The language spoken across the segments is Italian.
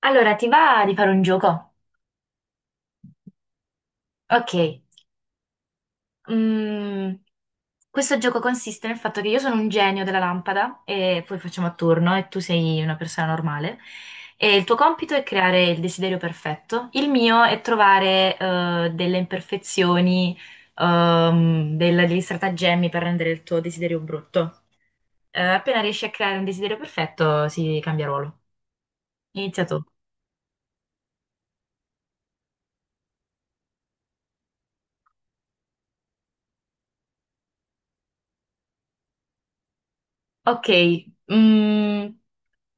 Allora, ti va di fare un gioco? Ok. Mm, Questo gioco consiste nel fatto che io sono un genio della lampada e poi facciamo a turno e tu sei una persona normale. E il tuo compito è creare il desiderio perfetto. Il mio è trovare delle imperfezioni, degli stratagemmi per rendere il tuo desiderio brutto. Appena riesci a creare un desiderio perfetto, si cambia ruolo. Inizia tu. Ok. mm,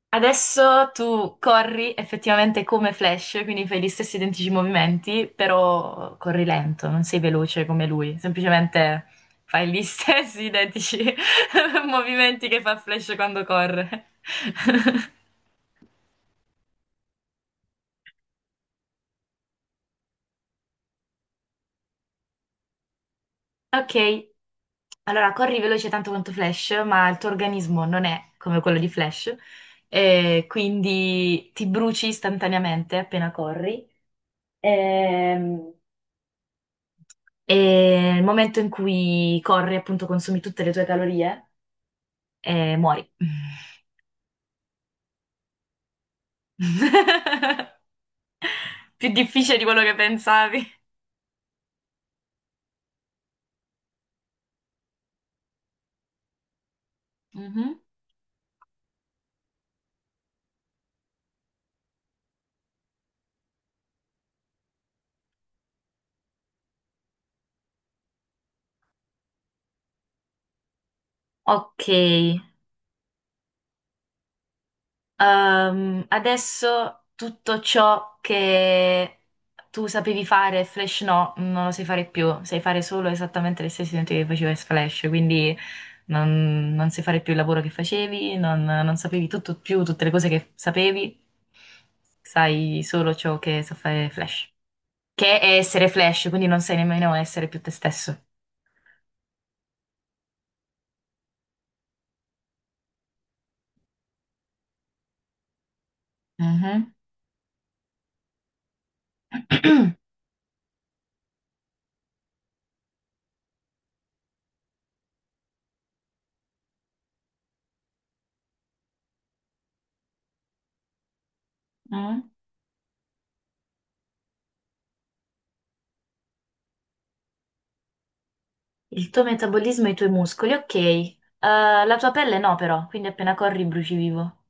Adesso tu corri effettivamente come Flash, quindi fai gli stessi identici movimenti, però corri lento, non sei veloce come lui, semplicemente fai gli stessi identici movimenti che fa Flash quando corre. Ok, allora corri veloce tanto quanto Flash, ma il tuo organismo non è come quello di Flash, e quindi ti bruci istantaneamente appena corri. Ehm, E nel momento in cui corri, appunto, consumi tutte le tue calorie e muori. Più difficile di quello che pensavi. Mhm. Ok, adesso tutto ciò che tu sapevi fare, Flash no, non lo sai fare più, sai fare solo esattamente le stesse identiche che facevi in Flash, quindi non sai fare più il lavoro che facevi, non sapevi tutto più tutte le cose che sapevi, sai solo ciò che sa fare Flash, che è essere Flash, quindi non sai nemmeno essere più te stesso. Mhm. Mm. Il tuo metabolismo e i tuoi muscoli, ok. La tua pelle no, però, quindi appena corri bruci vivo.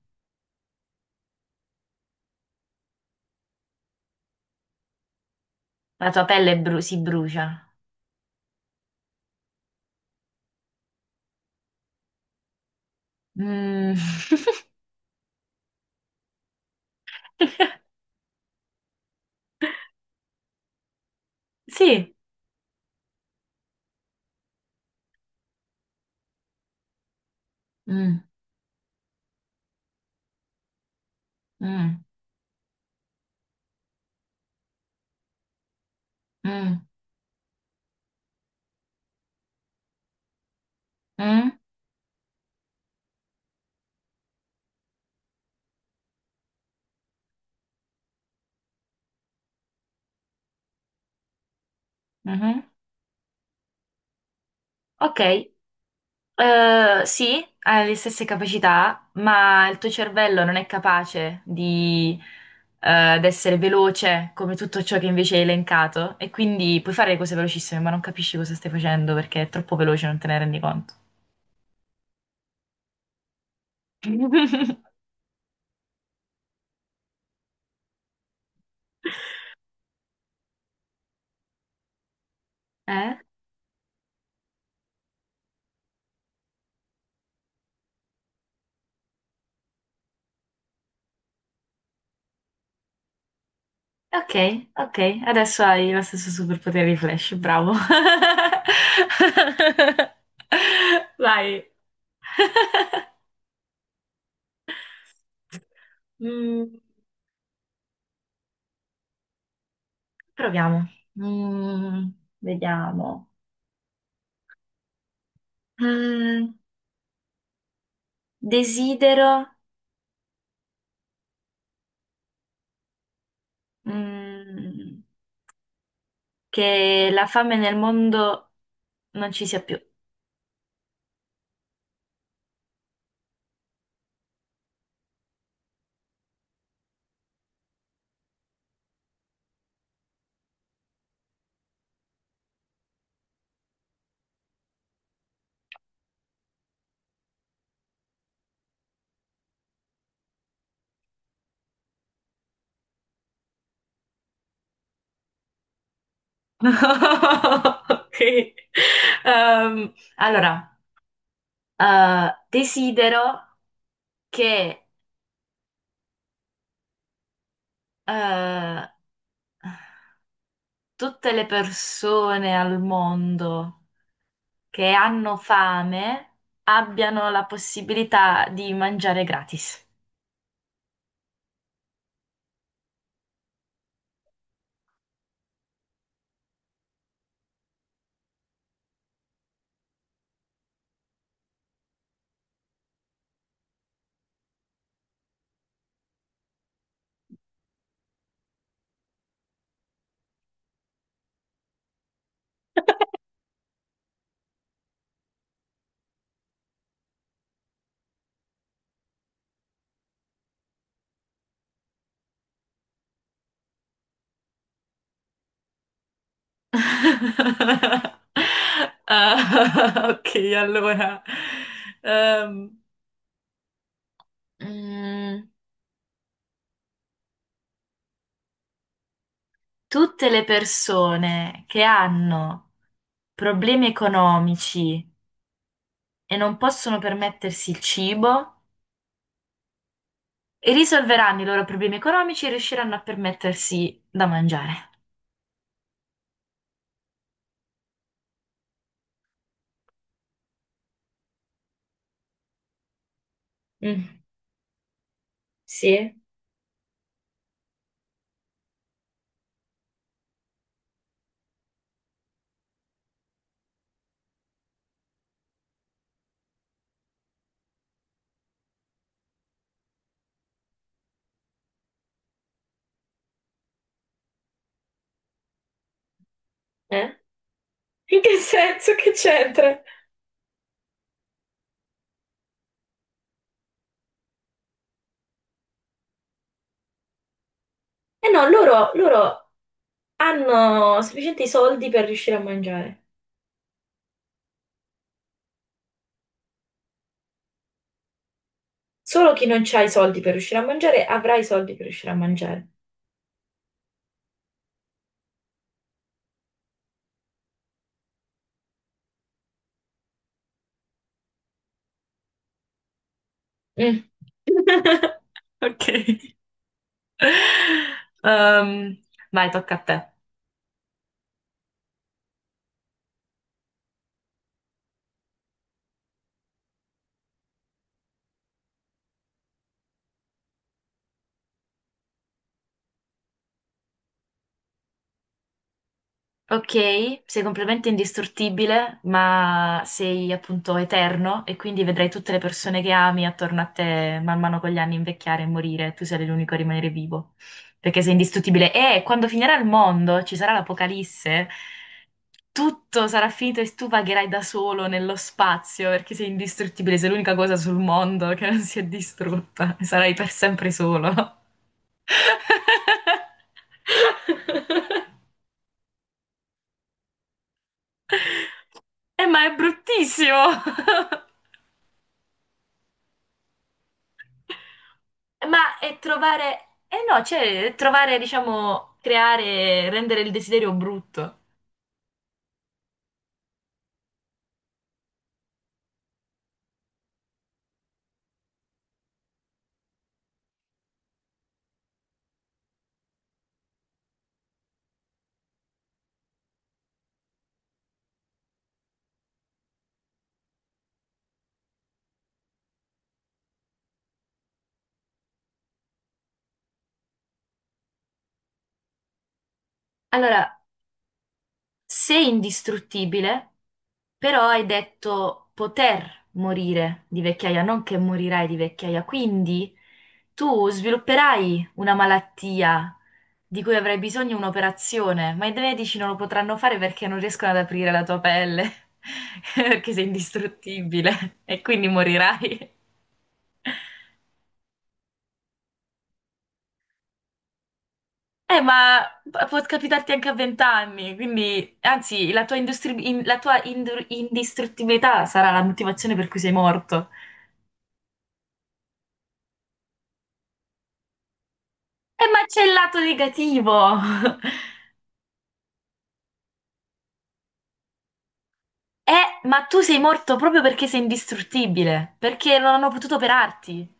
La tua pelle si brucia. Mm. Sì. Mm, mm, mm, mm, mhm. Ok. Sì, hai le stesse capacità, ma il tuo cervello non è capace di essere veloce come tutto ciò che invece hai elencato e quindi puoi fare le cose velocissime, ma non capisci cosa stai facendo perché è troppo veloce, non te ne rendi conto. Eh? Ok, ok, adesso hai lo stesso superpotere di Flash, bravo. Vai. Mm, Proviamo. Mm, Vediamo. Mm, Desidero, mm, che la fame nel mondo non ci sia più. Ok. Allora, desidero che eh, tutte le persone al mondo che hanno fame abbiano la possibilità di mangiare gratis. Ah, ok, allora. Ehm, mm, Tutte le persone che hanno problemi economici e non possono permettersi il cibo, risolveranno i loro problemi economici e riusciranno a permettersi da mangiare. Mm, sì? Eh? In che senso che c'entra? Eh no, loro hanno sufficienti soldi per riuscire a mangiare. Solo chi non ha i soldi per riuscire a mangiare avrà i soldi per riuscire a mangiare. Mm. Ok. Ehm, Vai, tocca a te. Ok, sei completamente indistruttibile, ma sei appunto eterno e quindi vedrai tutte le persone che ami attorno a te man mano con gli anni invecchiare e morire, tu sarai l'unico a rimanere vivo, perché sei indistruttibile. E quando finirà il mondo, ci sarà l'apocalisse, tutto sarà finito e tu vagherai da solo nello spazio perché sei indistruttibile, sei l'unica cosa sul mondo che non si è distrutta, sarai per sempre solo. Ma è bruttissimo! Ma è trovare... Eh no, cioè, è trovare, diciamo, creare, rendere il desiderio brutto. Allora, sei indistruttibile, però hai detto poter morire di vecchiaia, non che morirai di vecchiaia. Quindi tu svilupperai una malattia di cui avrai bisogno un'operazione, ma i medici non lo potranno fare perché non riescono ad aprire la tua pelle, perché sei indistruttibile e quindi morirai. Ma può capitarti anche a 20 anni, quindi, anzi, la tua indistruttibilità sarà la motivazione per cui sei morto. Ma c'è il lato negativo! Ma tu sei morto proprio perché sei indistruttibile, perché non hanno potuto operarti.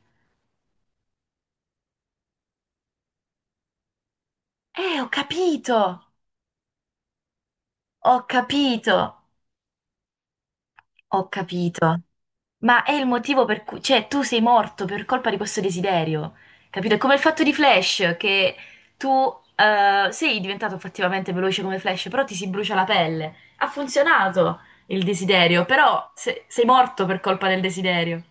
Ho capito! Ho capito! Ho capito. Ma è il motivo per cui, cioè, tu sei morto per colpa di questo desiderio, capito? È come il fatto di Flash, che tu sei diventato effettivamente veloce come Flash, però ti si brucia la pelle. Ha funzionato il desiderio, però sei morto per colpa del desiderio.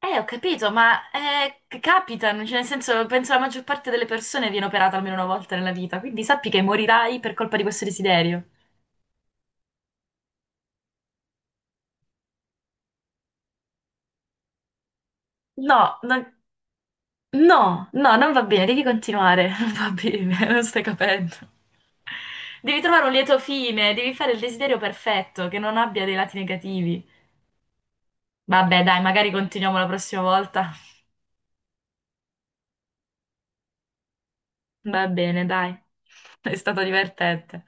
Ho capito, ma capitano, cioè, nel senso, penso la maggior parte delle persone viene operata almeno una volta nella vita, quindi sappi che morirai per colpa di questo desiderio. No, no, no, no, non va bene, devi continuare, non va bene, non stai capendo. Devi trovare un lieto fine, devi fare il desiderio perfetto, che non abbia dei lati negativi. Vabbè, dai, magari continuiamo la prossima volta. Va bene, dai. È stato divertente.